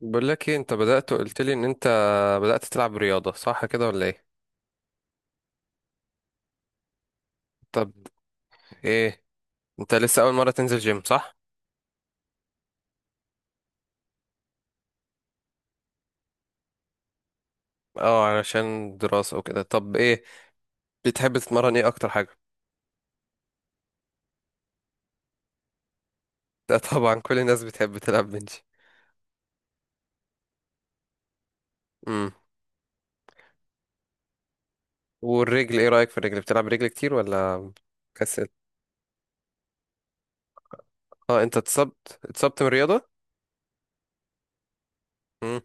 بقول لك ايه، انت بدأت قلت لي ان انت بدأت تلعب رياضة، صح كده ولا ايه؟ طب ايه، انت لسه اول مرة تنزل جيم صح؟ اه، علشان دراسة وكده. طب ايه بتحب تتمرن، ايه اكتر حاجة؟ ده طبعا كل الناس بتحب تلعب بنش. امم. والرجل ايه رأيك في الرجل، بتلعب رجل كتير ولا؟ كسل. اه، انت اتصبت من الرياضة؟ امم.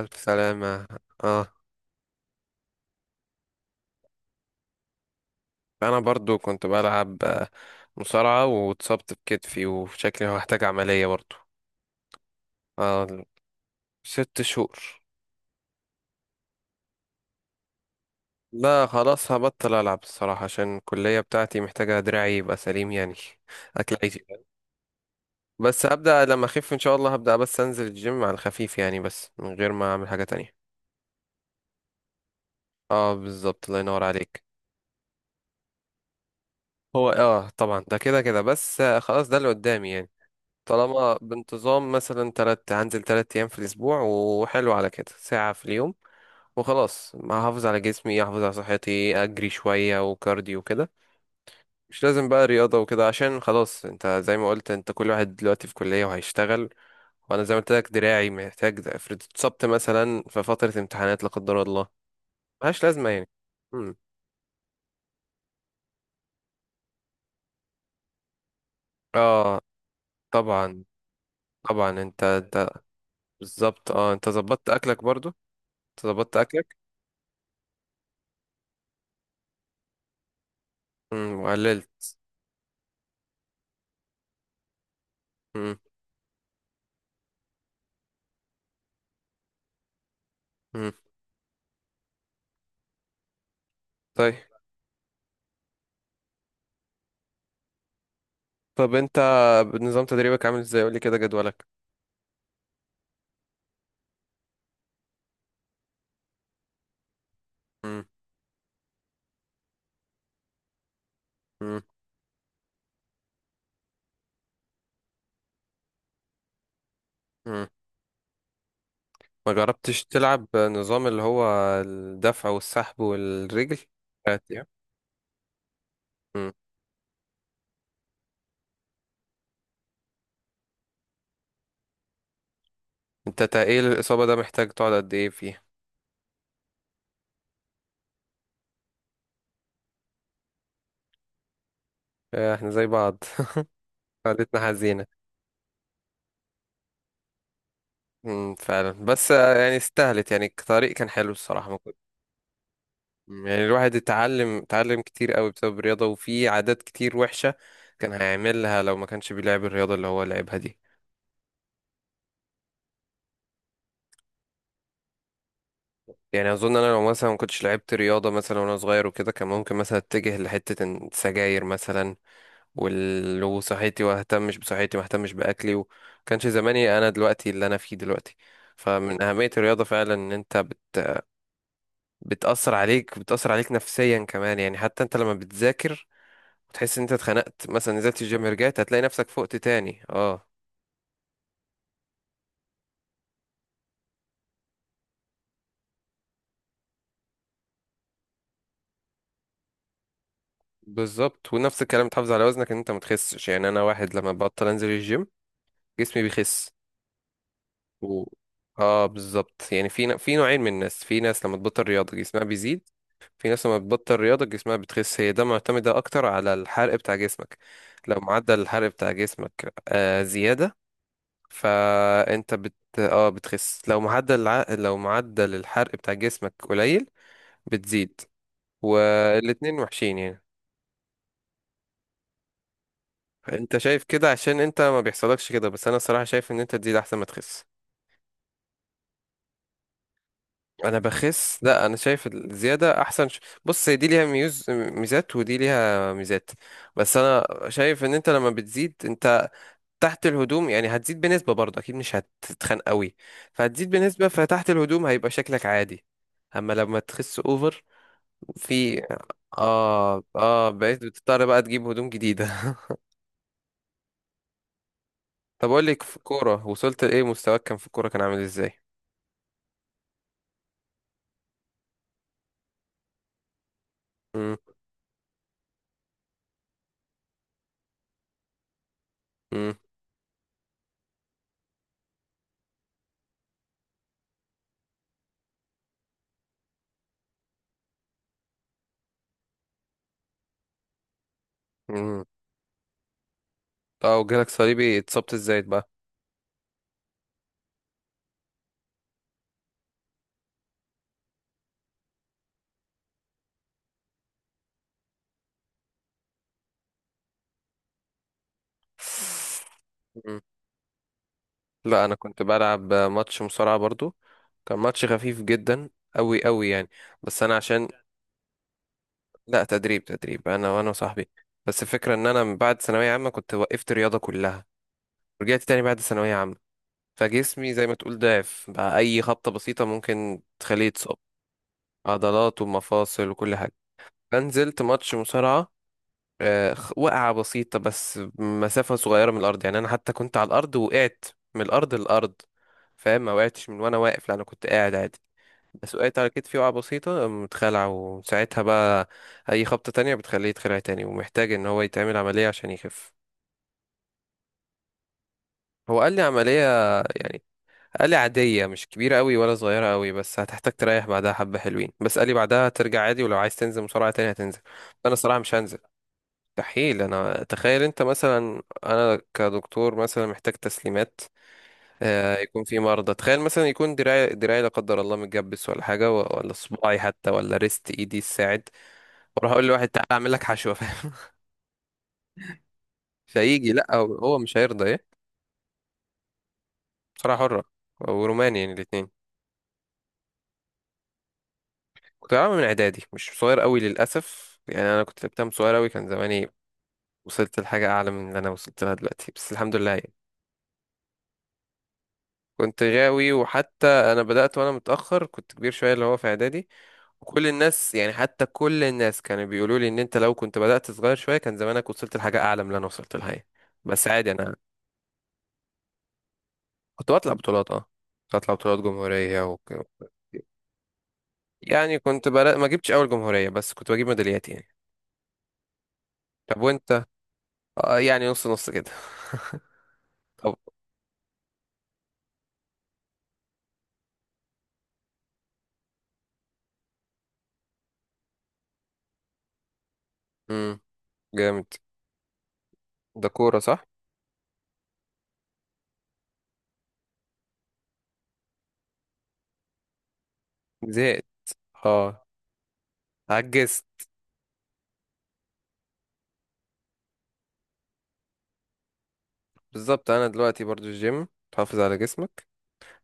الف سلامة. اه، انا برضو كنت بلعب مصارعة واتصبت بكتفي وشكلي هحتاج عملية برضو. اه، 6 شهور. لا، خلاص هبطل ألعب الصراحة، عشان الكلية بتاعتي محتاجة دراعي يبقى سليم يعني. أكل عيشي. بس هبدأ لما أخف إن شاء الله، هبدأ بس أنزل الجيم على الخفيف يعني، بس من غير ما أعمل حاجة تانية. اه بالظبط، الله ينور عليك. هو اه طبعا ده كده كده بس خلاص ده اللي قدامي يعني. طالما بانتظام مثلا تلات، هنزل 3 أيام في الأسبوع وحلو، على كده ساعة في اليوم، وخلاص هحافظ على جسمي، أحافظ على صحتي، أجري شوية وكارديو كده. مش لازم بقى رياضة وكده، عشان خلاص انت زي ما قلت، انت كل واحد دلوقتي في كلية وهيشتغل. وانا زي ما قلت لك دراعي محتاج ده، افرض اتصبت مثلا في فترة امتحانات لا قدر الله، ملهاش لازمة يعني. مم. اه، طبعا طبعا، انت بالظبط. اه انت ظبطت اكلك برضو؟ انت ظبطت اكلك؟ مم. وقللت. مم. مم. طيب. طب انت نظام تدريبك عامل ازاي؟ قولي كده جدولك. مم. مم. مم. ما جربتش تلعب نظام اللي هو الدفع والسحب والرجل؟ مم. انت تقيل الإصابة ده، محتاج تقعد قد ايه فيه؟ آه، احنا زي بعض. قعدتنا حزينة. فعلا بس يعني استاهلت يعني، الطريق كان حلو الصراحة، ما كنت. يعني الواحد اتعلم كتير قوي بسبب الرياضة، وفي عادات كتير وحشة كان هيعملها لو ما كانش بيلعب الرياضة اللي هو لعبها دي. يعني أظن أنا لو مثلا ما كنتش لعبت رياضة مثلا وأنا صغير وكده، كان ممكن مثلا أتجه لحتة السجاير مثلا، ولو صحتي واهتمش بصحتي، ما اهتمش باكلي كانش زماني انا دلوقتي اللي انا فيه دلوقتي. فمن اهمية الرياضة فعلا ان انت بتأثر عليك نفسيا كمان يعني، حتى انت لما بتذاكر وتحس ان انت اتخنقت مثلا، نزلت الجيم رجعت هتلاقي نفسك فقت تاني. اه بالظبط، ونفس الكلام تحافظ على وزنك ان انت ما تخسش، يعني انا واحد لما ببطل انزل الجيم جسمي بيخس و... اه بالظبط يعني في نوعين من الناس، في ناس لما تبطل رياضة جسمها بيزيد، في ناس لما بتبطل رياضة جسمها بتخس. هي ده معتمدة أكتر على الحرق بتاع جسمك، لو معدل الحرق بتاع جسمك زيادة فأنت بت اه بتخس، لو معدل الحرق بتاع جسمك قليل بتزيد. والاتنين وحشين يعني. انت شايف كده عشان انت ما بيحصلكش كده، بس انا الصراحة شايف ان انت تزيد احسن ما تخس. انا بخس، لا انا شايف الزيادة احسن بص، هي دي ليها ميزات ودي ليها ميزات، بس انا شايف ان انت لما بتزيد انت تحت الهدوم يعني هتزيد بنسبة برضه، أكيد مش هتتخن قوي، فهتزيد بنسبة، فتحت الهدوم هيبقى شكلك عادي. أما لما تخس أوفر، في بقيت بتضطر بقى تجيب هدوم جديدة. طب أقول لك، في الكورة وصلت لإيه؟ مستواك كان في الكورة كان عامل إزاي؟ مم. مم. مم. آه، وجالك صليبي، اتصبت إزاي بقى؟ مم. لا أنا كنت بلعب ماتش مصارعة برضه، كان ماتش خفيف جدا أوي أوي يعني، بس أنا عشان لا تدريب انا وصاحبي، بس الفكره ان انا من بعد ثانويه عامه كنت وقفت رياضه كلها، رجعت تاني بعد ثانويه عامه، فجسمي زي ما تقول ضعف بقى، اي خبطه بسيطه ممكن تخليه يتصاب، عضلات ومفاصل وكل حاجه، فنزلت ماتش مصارعه، وقعه بسيطه، بس مسافه صغيره من الارض يعني، انا حتى كنت على الارض وقعت من الارض للارض، فاهم، ما وقعتش من وانا واقف، لا انا كنت قاعد عادي، سوقت على كتفي وقعة بسيطة متخلع، وساعتها بقى أي خبطة تانية بتخليه يتخلع تاني ومحتاج إن هو يتعمل عملية عشان يخف. هو قال لي عملية يعني، قال لي عادية مش كبيرة أوي ولا صغيرة أوي، بس هتحتاج تريح بعدها حبة حلوين، بس قال لي بعدها ترجع عادي، ولو عايز تنزل مصارعة تانية هتنزل. أنا الصراحة مش هنزل، مستحيل. أنا تخيل أنت مثلا، أنا كدكتور مثلا محتاج تسليمات، يكون في مرضى، تخيل مثلا يكون دراعي لا قدر الله متجبس، ولا حاجة ولا صباعي حتى، ولا ريست إيدي الساعد، واروح اقول لواحد تعالى اعمل لك حشوه، فاهم؟ فيجي، لا هو مش هيرضى ايه. بصراحه حره وروماني يعني الاثنين. كنت بلعبها من اعدادي، مش صغير قوي للاسف يعني، انا كنت لعبتها من صغير قوي كان زماني وصلت لحاجه اعلى من اللي انا وصلت لها دلوقتي، بس الحمد لله يعني. كنت غاوي، وحتى انا بدات وانا متاخر كنت كبير شويه اللي هو في اعدادي، وكل الناس يعني حتى كل الناس كانوا بيقولوا لي ان انت لو كنت بدات صغير شويه كان زمانك وصلت لحاجه اعلى من اللي انا وصلت لها يعني. بس عادي انا. كنت بطلع بطولات كنت بطلع بطولات جمهوريه يعني كنت ما جبتش اول جمهورية، بس كنت بجيب ميداليات يعني. طب وانت؟ آه يعني نص نص كده. طب. امم. جامد. ده كورة صح؟ زهقت. اه. عجزت. بالظبط، انا دلوقتي برضو الجيم تحافظ على جسمك.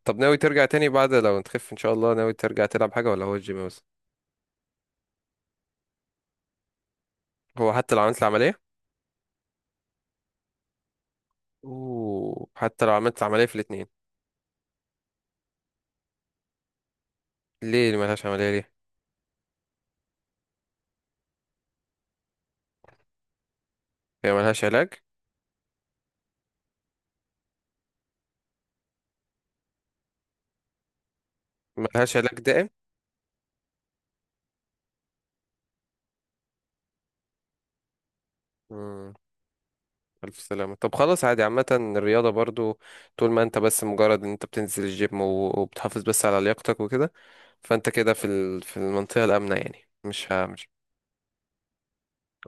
طب ناوي ترجع تاني بعد لو تخف ان شاء الله؟ ناوي ترجع تلعب حاجة ولا هو الجيم بس؟ هو حتى لو عملت العملية. اوه، حتى لو عملت العملية في الاتنين؟ ليه اللي ملهاش عملية ليه؟ هي ملهاش علاج؟ ملهاش علاج دائم؟ مم. ألف سلامة. طب خلاص عادي، عامة الرياضة برضو طول ما أنت بس مجرد إن أنت بتنزل الجيم وبتحافظ بس على لياقتك وكده، فأنت كده في المنطقة الآمنة يعني، مش ها مش.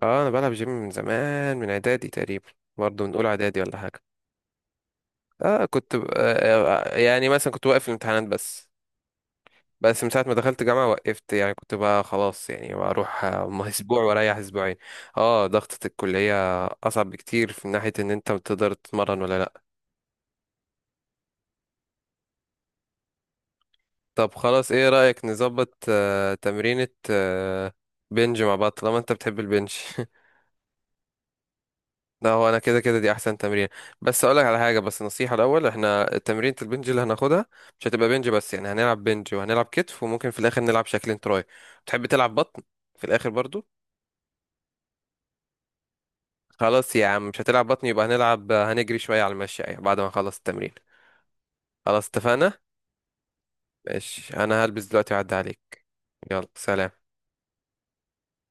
آه أنا بلعب جيم من زمان، من إعدادي تقريبا، برضو من أولى إعدادي ولا حاجة. كنت ب... آه آه، آه، يعني مثلا كنت واقف الامتحانات بس. بس من ساعة ما دخلت جامعة وقفت، يعني كنت بقى خلاص يعني بروح أسبوع وأريح أسبوعين. اه ضغطة الكلية أصعب بكتير في ناحية إن أنت بتقدر تتمرن ولا لأ. طب خلاص ايه رأيك نظبط تمرينة بنج مع بعض طالما انت بتحب البنج. لا هو انا كده كده دي احسن تمرين. بس اقولك على حاجة، بس نصيحة الاول، احنا تمرينة البنج اللي هناخدها مش هتبقى بنج بس يعني، هنلعب بنج وهنلعب كتف وممكن في الاخر نلعب شكلين تراي. تحب تلعب بطن في الاخر برضو؟ خلاص يا عم مش هتلعب بطن، يبقى هنلعب هنجري شوية على المشي يعني بعد ما نخلص التمرين. خلاص اتفقنا. ماشي، انا هلبس دلوقتي وأعدي عليك. يلا سلام.